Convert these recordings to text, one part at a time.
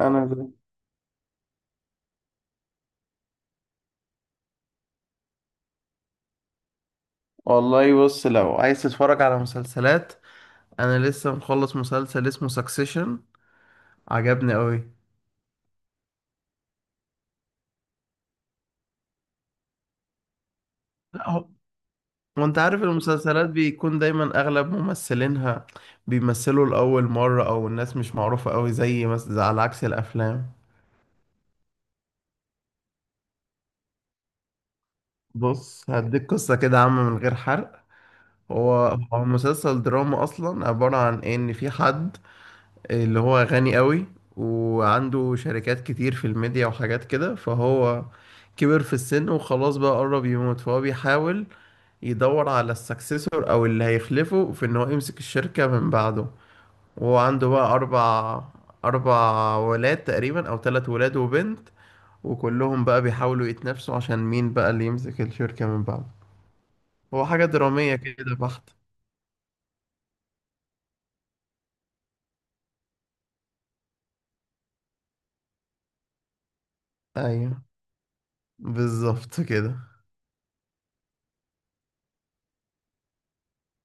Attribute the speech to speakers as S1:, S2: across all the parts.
S1: انا زي- والله بص، لو عايز تتفرج على مسلسلات انا لسه مخلص مسلسل اسمه سكسيشن، عجبني قوي. لا هو، وانت عارف المسلسلات بيكون دايما اغلب ممثلينها بيمثلوا لاول مره، او الناس مش معروفه قوي، زي على عكس الافلام. بص، هديك قصه كده عامه من غير حرق. هو هو مسلسل دراما، اصلا عباره عن ان في حد اللي هو غني قوي، وعنده شركات كتير في الميديا وحاجات كده. فهو كبر في السن وخلاص بقى قرب يموت، فهو بيحاول يدور على السكسيسور او اللي هيخلفه في ان هو يمسك الشركة من بعده. وهو عنده بقى اربع ولاد تقريبا، او ثلاث ولاد وبنت، وكلهم بقى بيحاولوا يتنافسوا عشان مين بقى اللي يمسك الشركة من بعده. هو حاجة درامية كده بحت. ايوه، بالظبط كده.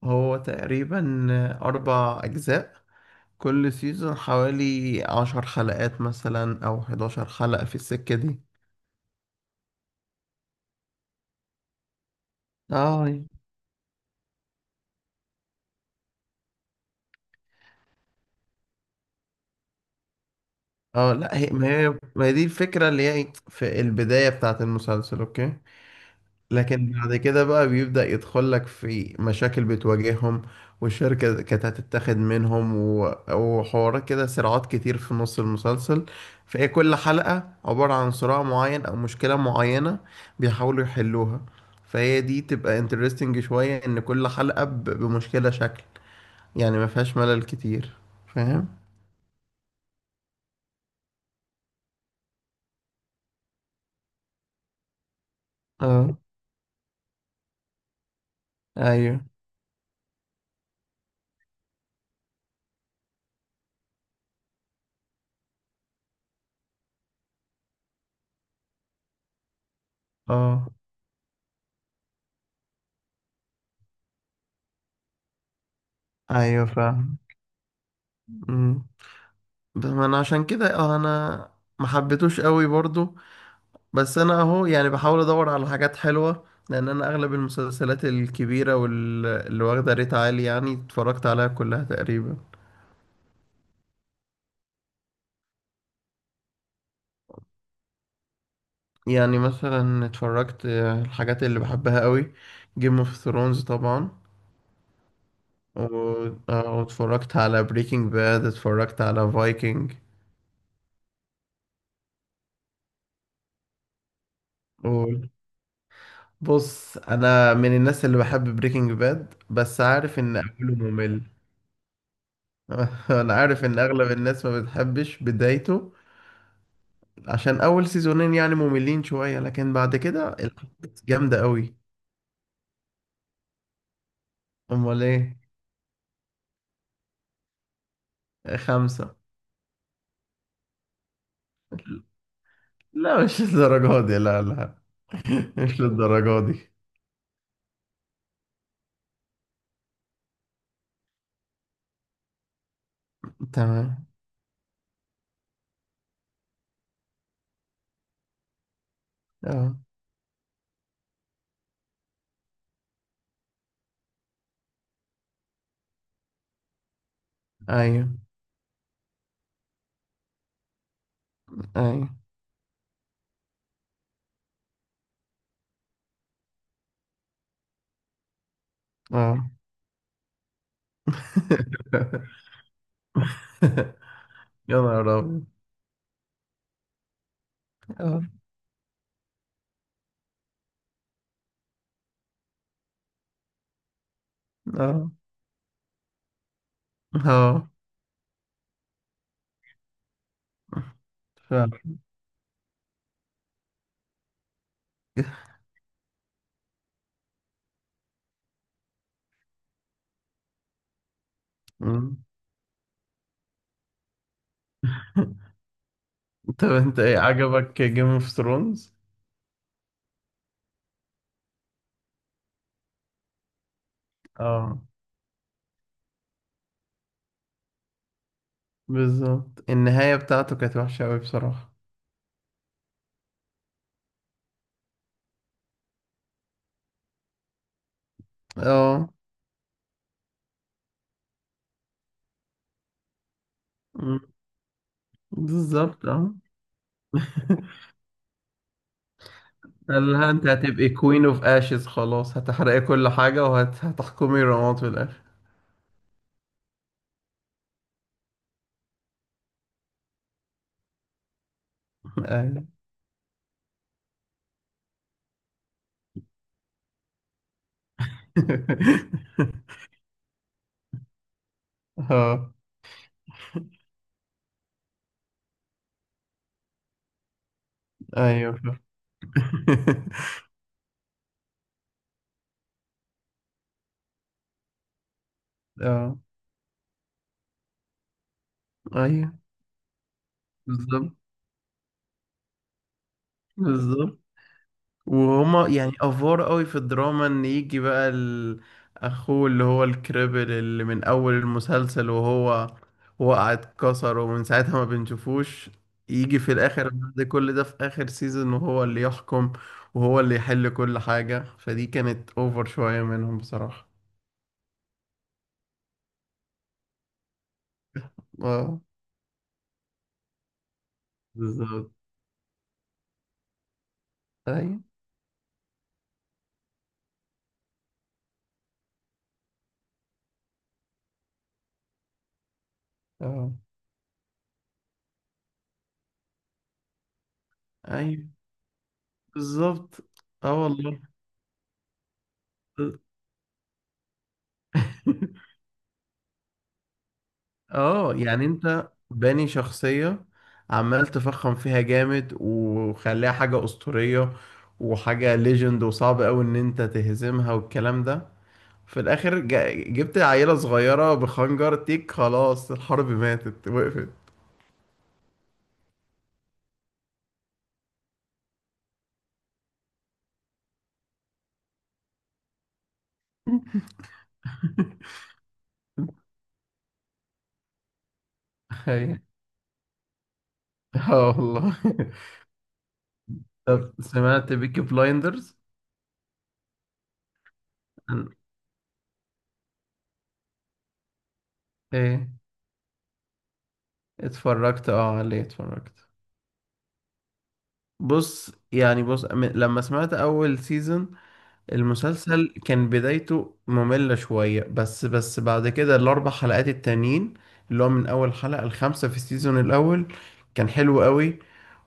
S1: هو تقريبا اربع اجزاء، كل سيزون حوالي عشر حلقات مثلا او حداشر حلقة في السكة دي. اه. اه، لا هي، ما هي دي الفكرة اللي هي في البداية بتاعة المسلسل، اوكي، لكن بعد كده بقى بيبدأ يدخل لك في مشاكل بتواجههم، والشركة كانت هتتاخد منهم وحوارات كده، صراعات كتير في نص المسلسل. فهي كل حلقة عبارة عن صراع معين أو مشكلة معينة بيحاولوا يحلوها. فهي دي تبقى انترستنج شوية، إن كل حلقة بمشكلة شكل، يعني ما فيهاش ملل كتير. فاهم؟ اه. ايوه. اه، ايوه فاهم. أمم. بس انا عشان كده انا ما حبيتوش قوي برضو، بس انا اهو يعني بحاول ادور على حاجات حلوه، لان انا اغلب المسلسلات الكبيره واللي واخده ريت عالي يعني اتفرجت عليها كلها تقريبا. يعني مثلا اتفرجت، الحاجات اللي بحبها قوي، جيم اوف ثرونز طبعا، واتفرجت على بريكنج باد، اتفرجت على فايكنج. بص، انا من الناس اللي بحب بريكنج باد، بس عارف ان اوله ممل. انا عارف ان اغلب الناس ما بتحبش بدايته، عشان اول سيزونين يعني مملين شوية، لكن بعد كده الأحداث جامدة قوي. امال ايه. خمسة. لا، مش للدرجة دي، لا لا. مش للدرجة دي. تمام. اه. ايوه، ايوه. اه. يا نهار ابيض. اه. اه. اه. فعلا. مم. طب انت ايه عجبك جيم اوف ثرونز؟ اه، بالظبط، النهاية بتاعته كانت وحشة قوي بصراحة. اه. مم. بالظبط، اه. قال لها انت هتبقي كوين اوف اشز، خلاص هتحرقي كل حاجة وهتحكمي رماد في الاخر. ايوه. اه، ايوه. اه، ايوه بالظبط. بالظبط. وهما يعني افوار قوي في الدراما ان يجي بقى ال- اخوه اللي هو الكريبل اللي من اول المسلسل وهو وقع اتكسر ومن ساعتها ما بنشوفوش، يجي في الاخر بعد كل ده في اخر سيزون وهو اللي يحكم وهو اللي يحل كل حاجة. فدي كانت اوفر شوية منهم بصراحة. اه، بالظبط. ايوه. اه. ايوه، بالظبط. اه والله. اه، يعني انت باني شخصية، عمال تفخم فيها جامد وخليها حاجة أسطورية وحاجة ليجند، وصعب أوي إن أنت تهزمها والكلام ده. في الآخر جبت عيلة صغيرة بخنجر تيك، خلاص الحرب ماتت وقفت. أيوة. اه والله. طب، سمعت بيكي بلايندرز؟ ايه، اتفرجت، اه عليه اتفرجت. بص يعني، لما سمعت اول سيزون، المسلسل كان بدايته مملة شوية، بس بعد كده الأربع حلقات التانيين، اللي هو من أول حلقة الخامسة في السيزون الأول، كان حلو قوي،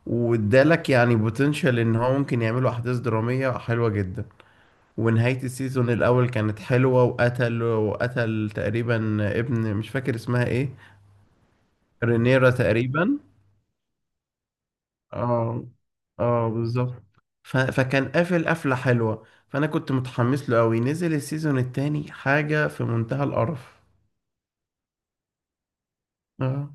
S1: وادالك يعني بوتنشال إن هو ممكن يعملوا أحداث درامية حلوة جدا. ونهاية السيزون الأول كانت حلوة، وقتل وقتل تقريبا ابن مش فاكر اسمها ايه، رينيرا تقريبا. اه. اه، بالظبط. فكان قافل قفلة حلوة، فأنا كنت متحمس له أوي. نزل السيزون التاني حاجة في منتهى القرف. اه.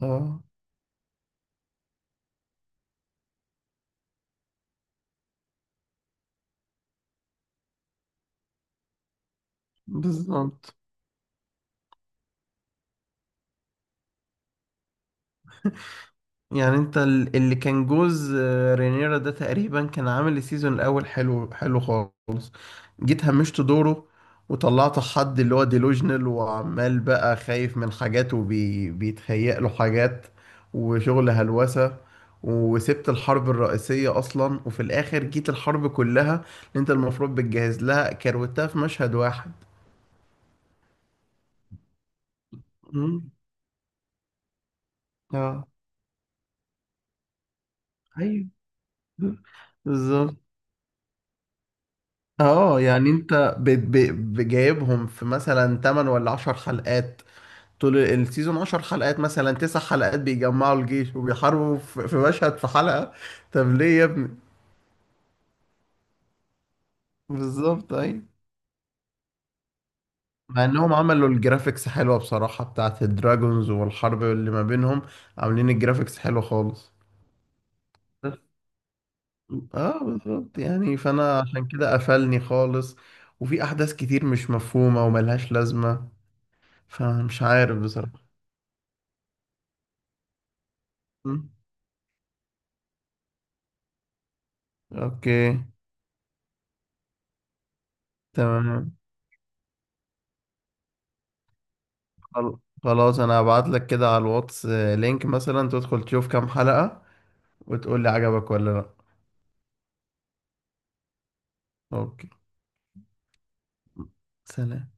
S1: اه، بالظبط. يعني انت ال- اللي كان جوز رينيرا ده تقريبا كان عامل السيزون الأول حلو حلو خالص، جيت همشت دوره، وطلعت حد اللي هو ديلوجنال وعمال بقى خايف من حاجات وبيتهيأ له حاجات وشغل هلوسة. وسبت الحرب الرئيسية أصلا، وفي الآخر جيت الحرب كلها اللي أنت المفروض بتجهز لها كروتها في مشهد واحد. مم. اه، أيوه، بالظبط. اه، يعني أنت بجايبهم في مثلا 8 ولا 10 حلقات، طول السيزون 10 حلقات، مثلا تسع حلقات بيجمعوا الجيش وبيحاربوا في مشهد في حلقة. طب ليه يا ابني؟ بالظبط، اي. مع انهم عملوا الجرافيكس حلوة بصراحة بتاعت الدراجونز والحرب اللي ما بينهم، عاملين الجرافيكس حلو خالص، بس- اه، بالظبط. يعني فانا عشان كده قفلني خالص، وفي احداث كتير مش مفهومة وملهاش لازمة، فمش عارف بصراحة. م. اوكي. تمام. خل- خلاص انا هبعت لك كده على الواتس، لينك مثلا تدخل تشوف كام حلقة وتقول لي عجبك ولا لا. اوكي. سلام.